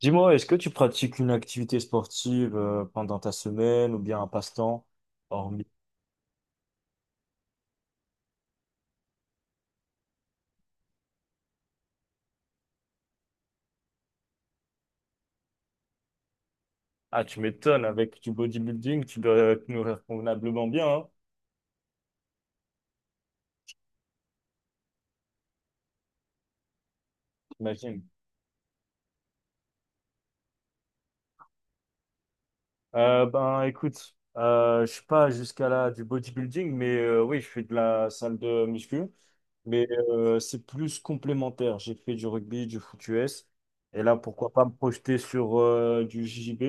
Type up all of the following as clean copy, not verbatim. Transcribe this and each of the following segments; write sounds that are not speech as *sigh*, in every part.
Dis-moi, est-ce que tu pratiques une activité sportive pendant ta semaine ou bien un passe-temps hormis. Ah, tu m'étonnes, avec du bodybuilding, tu dois te nourrir convenablement bien, hein, j'imagine. Ben, écoute, je suis pas jusqu'à là du bodybuilding, mais oui, je fais de la salle de muscu, mais c'est plus complémentaire. J'ai fait du rugby, du foot US, et là, pourquoi pas me projeter sur du JJB,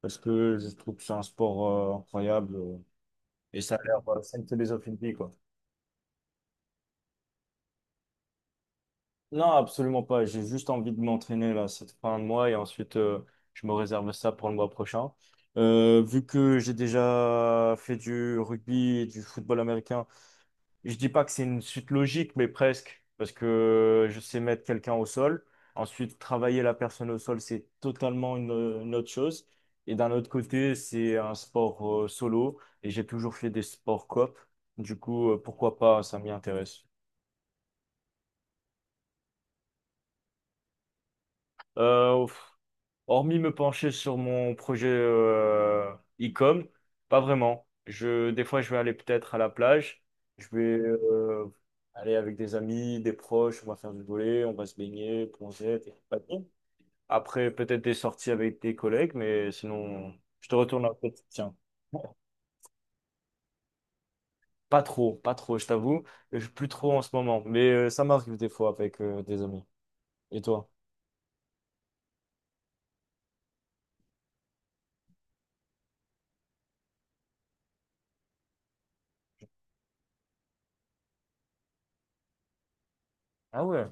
parce que je trouve que c'est un sport incroyable et ça a l'air c'est une philosophie de vie, quoi. Non, absolument pas. J'ai juste envie de m'entraîner là cette fin de mois et ensuite je me réserve ça pour le mois prochain. Vu que j'ai déjà fait du rugby et du football américain, je dis pas que c'est une suite logique, mais presque, parce que je sais mettre quelqu'un au sol. Ensuite, travailler la personne au sol, c'est totalement une autre chose. Et d'un autre côté, c'est un sport solo et j'ai toujours fait des sports coop. Du coup, pourquoi pas, ça m'y intéresse. Euh, pff, hormis me pencher sur mon projet e-com, pas vraiment. Des fois, je vais aller peut-être à la plage. Je vais aller avec des amis, des proches. On va faire du volley, on va se baigner, plonger, et compagnie. Après, peut-être des sorties avec des collègues, mais sinon, je te retourne un peu. Tiens, pas trop, pas trop, je t'avoue. Plus trop en ce moment, mais ça m'arrive des fois avec des amis. Et toi? Ah ouais,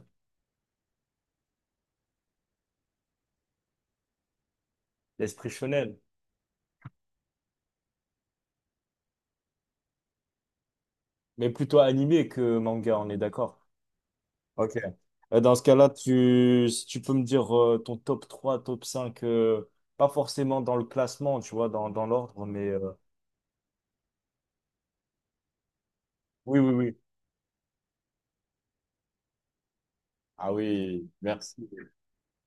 l'esprit shonen, mais plutôt animé que manga, on est d'accord. Ok. Dans ce cas-là, si tu peux me dire ton top 3, top 5, pas forcément dans le classement, tu vois, dans l'ordre, mais oui, oui, oui. Ah oui, merci.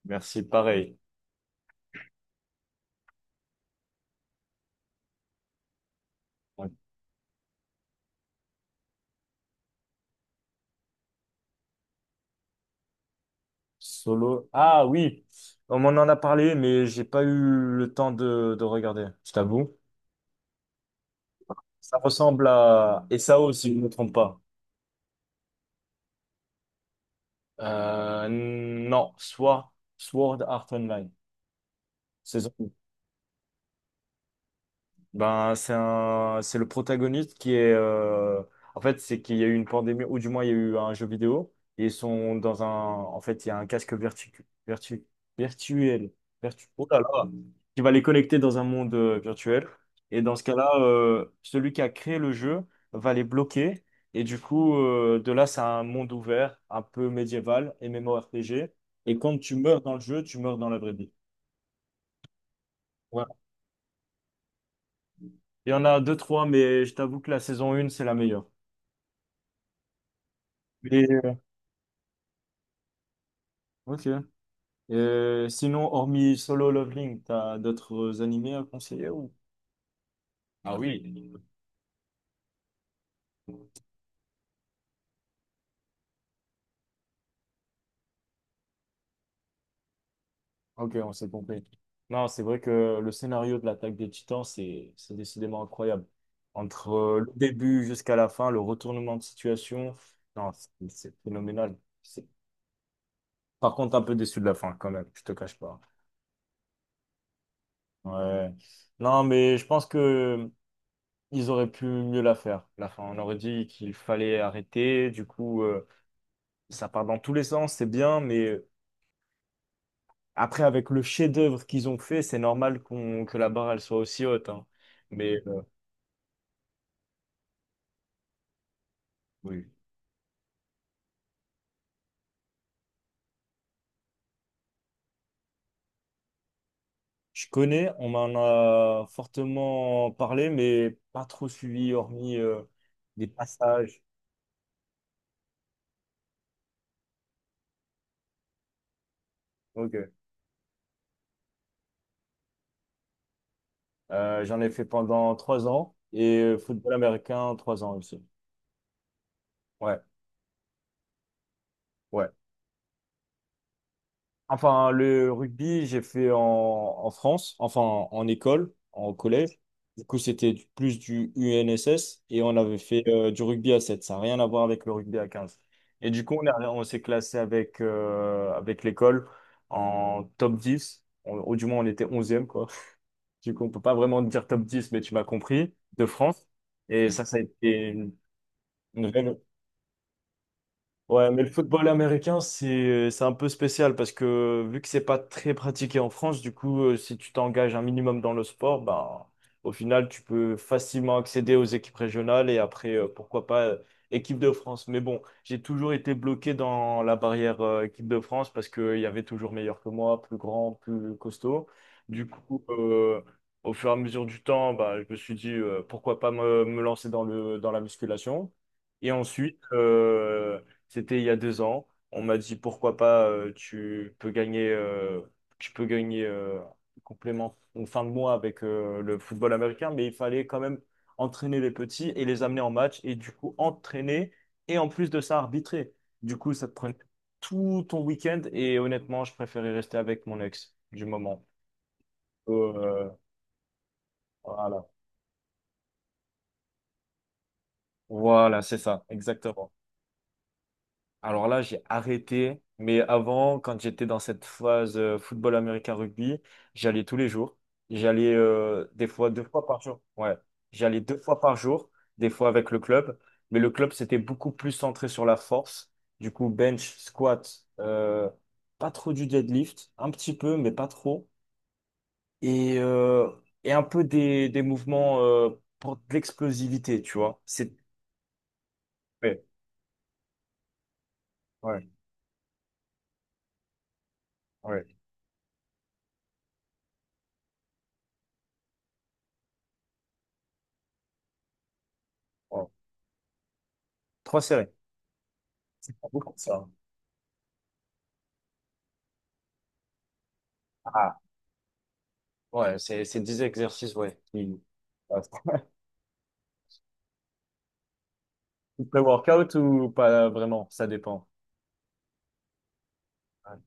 Merci, pareil. Ouais. Solo. Ah oui, on m'en en a parlé, mais j'ai pas eu le temps de regarder, je t'avoue. Ça ressemble à et ça aussi, je ne me trompe pas. Non, Sword Art Online. Saison. Ben, c'est le protagoniste qui est, en fait, c'est qu'il y a eu une pandémie, ou du moins, il y a eu un jeu vidéo, et ils sont en fait, il y a un casque virtuel, oh là là, qui va les connecter dans un monde virtuel. Et dans ce cas-là, celui qui a créé le jeu va les bloquer, et du coup, de là, c'est un monde ouvert, un peu médiéval, et MMORPG, et quand tu meurs dans le jeu, tu meurs dans la vraie vie. Voilà. Il y en a deux, trois, mais je t'avoue que la saison 1, c'est la meilleure. Et, ok. Sinon, hormis Solo Leveling, t'as d'autres animés à conseiller ou? Ah oui. Ok, on s'est compris. Non, c'est vrai que le scénario de l'attaque des Titans, c'est décidément incroyable. Entre le début jusqu'à la fin, le retournement de situation, non, c'est phénoménal. C'est- Par contre, un peu déçu de la fin quand même, je te cache pas. Ouais. Non, mais je pense que ils auraient pu mieux la faire. La fin, on aurait dit qu'il fallait arrêter. Du coup, ça part dans tous les sens, c'est bien, mais après, avec le chef-d'œuvre qu'ils ont fait, c'est normal que la barre, elle soit aussi haute, hein. Mais oui. Je connais, on m'en a fortement parlé, mais pas trop suivi, hormis des passages. Ok. J'en ai fait pendant 3 ans et football américain, 3 ans aussi. Ouais. Ouais. Enfin, le rugby, j'ai fait en France, enfin en école, en collège. Du coup, c'était plus du UNSS et on avait fait du rugby à 7. Ça n'a rien à voir avec le rugby à 15. Et du coup, on s'est classé avec l'école en top 10. Ou du moins, on était 11e, quoi. *laughs* Du coup, on peut pas vraiment dire top 10, mais tu m'as compris, de France. Et ça a été une. Ouais, mais le football américain, c'est un peu spécial parce que vu que c'est pas très pratiqué en France, du coup, si tu t'engages un minimum dans le sport, ben, au final, tu peux facilement accéder aux équipes régionales et après, pourquoi pas, équipe de France. Mais bon, j'ai toujours été bloqué dans la barrière, équipe de France parce qu'il y avait toujours meilleur que moi, plus grand, plus costaud. Du coup, au fur et à mesure du temps, bah, je me suis dit, pourquoi pas me lancer dans dans la musculation. Et ensuite, c'était il y a 2 ans. On m'a dit pourquoi pas, tu peux gagner complément ou fin de mois avec le football américain, mais il fallait quand même entraîner les petits et les amener en match et du coup entraîner et en plus de ça arbitrer. Du coup, ça te prenait tout ton week-end et honnêtement, je préférais rester avec mon ex du moment. Euh, voilà, voilà, c'est ça, exactement. Alors là, j'ai arrêté. Mais avant, quand j'étais dans cette phase football américain rugby, j'allais tous les jours. J'allais des fois 2 fois par jour. Ouais, j'allais 2 fois par jour, des fois avec le club. Mais le club, c'était beaucoup plus centré sur la force. Du coup, bench, squat, pas trop du deadlift, un petit peu, mais pas trop. Et, euh, et un peu des mouvements pour de l'explosivité, tu vois. C'est. Ouais, ouais, ouais, ouais. Trois séries. C'est pas beaucoup, ça, hein. Ah, ouais, c'est 10 exercices, ouais. *laughs* Pré-workout ou pas vraiment, ça dépend. Ouais.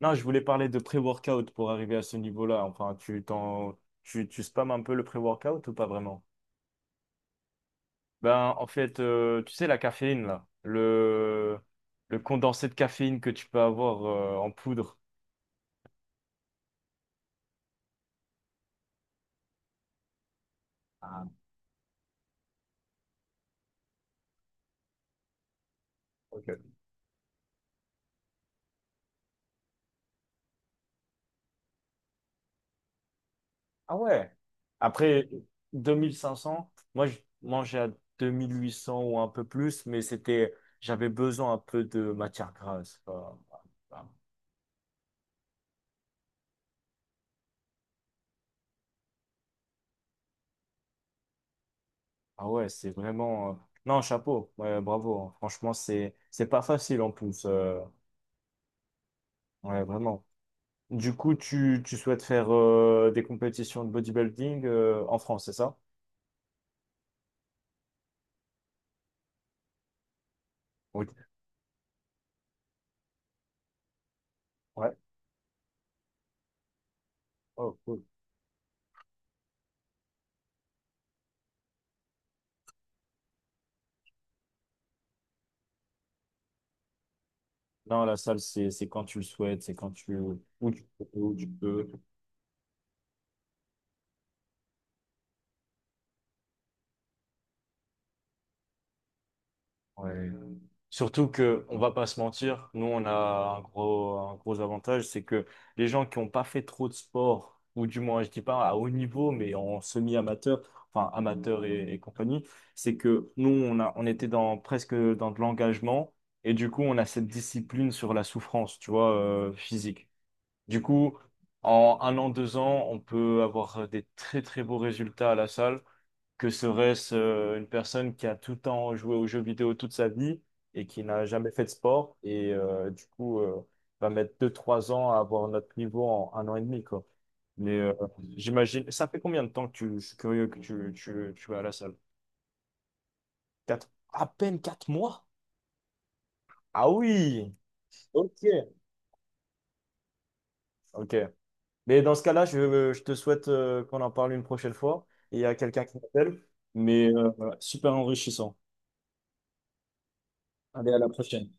Non, je voulais parler de pré-workout pour arriver à ce niveau-là. Enfin, tu spams un peu le pré-workout ou pas vraiment? Ben, en fait, tu sais, la caféine, là, le condensé de caféine que tu peux avoir en poudre. Ah, ok. Ah ouais. Après 2 500, moi je mangeais à 2 800 ou un peu plus, mais c'était j'avais besoin un peu de matière grasse, quoi. Ah ah ouais, c'est vraiment non, chapeau. Ouais, bravo, hein. Franchement, c'est pas facile en plus. Ouais, vraiment. Du coup, tu souhaites faire des compétitions de bodybuilding en France, c'est ça? Oui. Ouais. Oh, cool. Non, la salle, c'est quand tu le souhaites, c'est quand tu où tu, où tu peux. Ouais. Surtout que, on va pas se mentir, nous on a un gros avantage, c'est que les gens qui n'ont pas fait trop de sport, ou du moins je dis pas à haut niveau, mais en semi-amateur, enfin amateur et compagnie, c'est que nous on était dans presque dans de l'engagement et du coup on a cette discipline sur la souffrance, tu vois, physique. Du coup, en 1 an, 2 ans, on peut avoir des très très beaux résultats à la salle que serait-ce une personne qui a tout le temps joué aux jeux vidéo toute sa vie et qui n'a jamais fait de sport et du coup va mettre 2, 3 ans à avoir notre niveau en 1 an et demi, quoi. Mais j'imagine, ça fait combien de temps je suis curieux que tu vas à la salle? 4, à peine 4 mois? Ah oui, ok, ok. Mais dans ce cas-là, je te souhaite qu'on en parle une prochaine fois. Il y a quelqu'un qui m'appelle, mais voilà, super enrichissant. Allez, à la prochaine.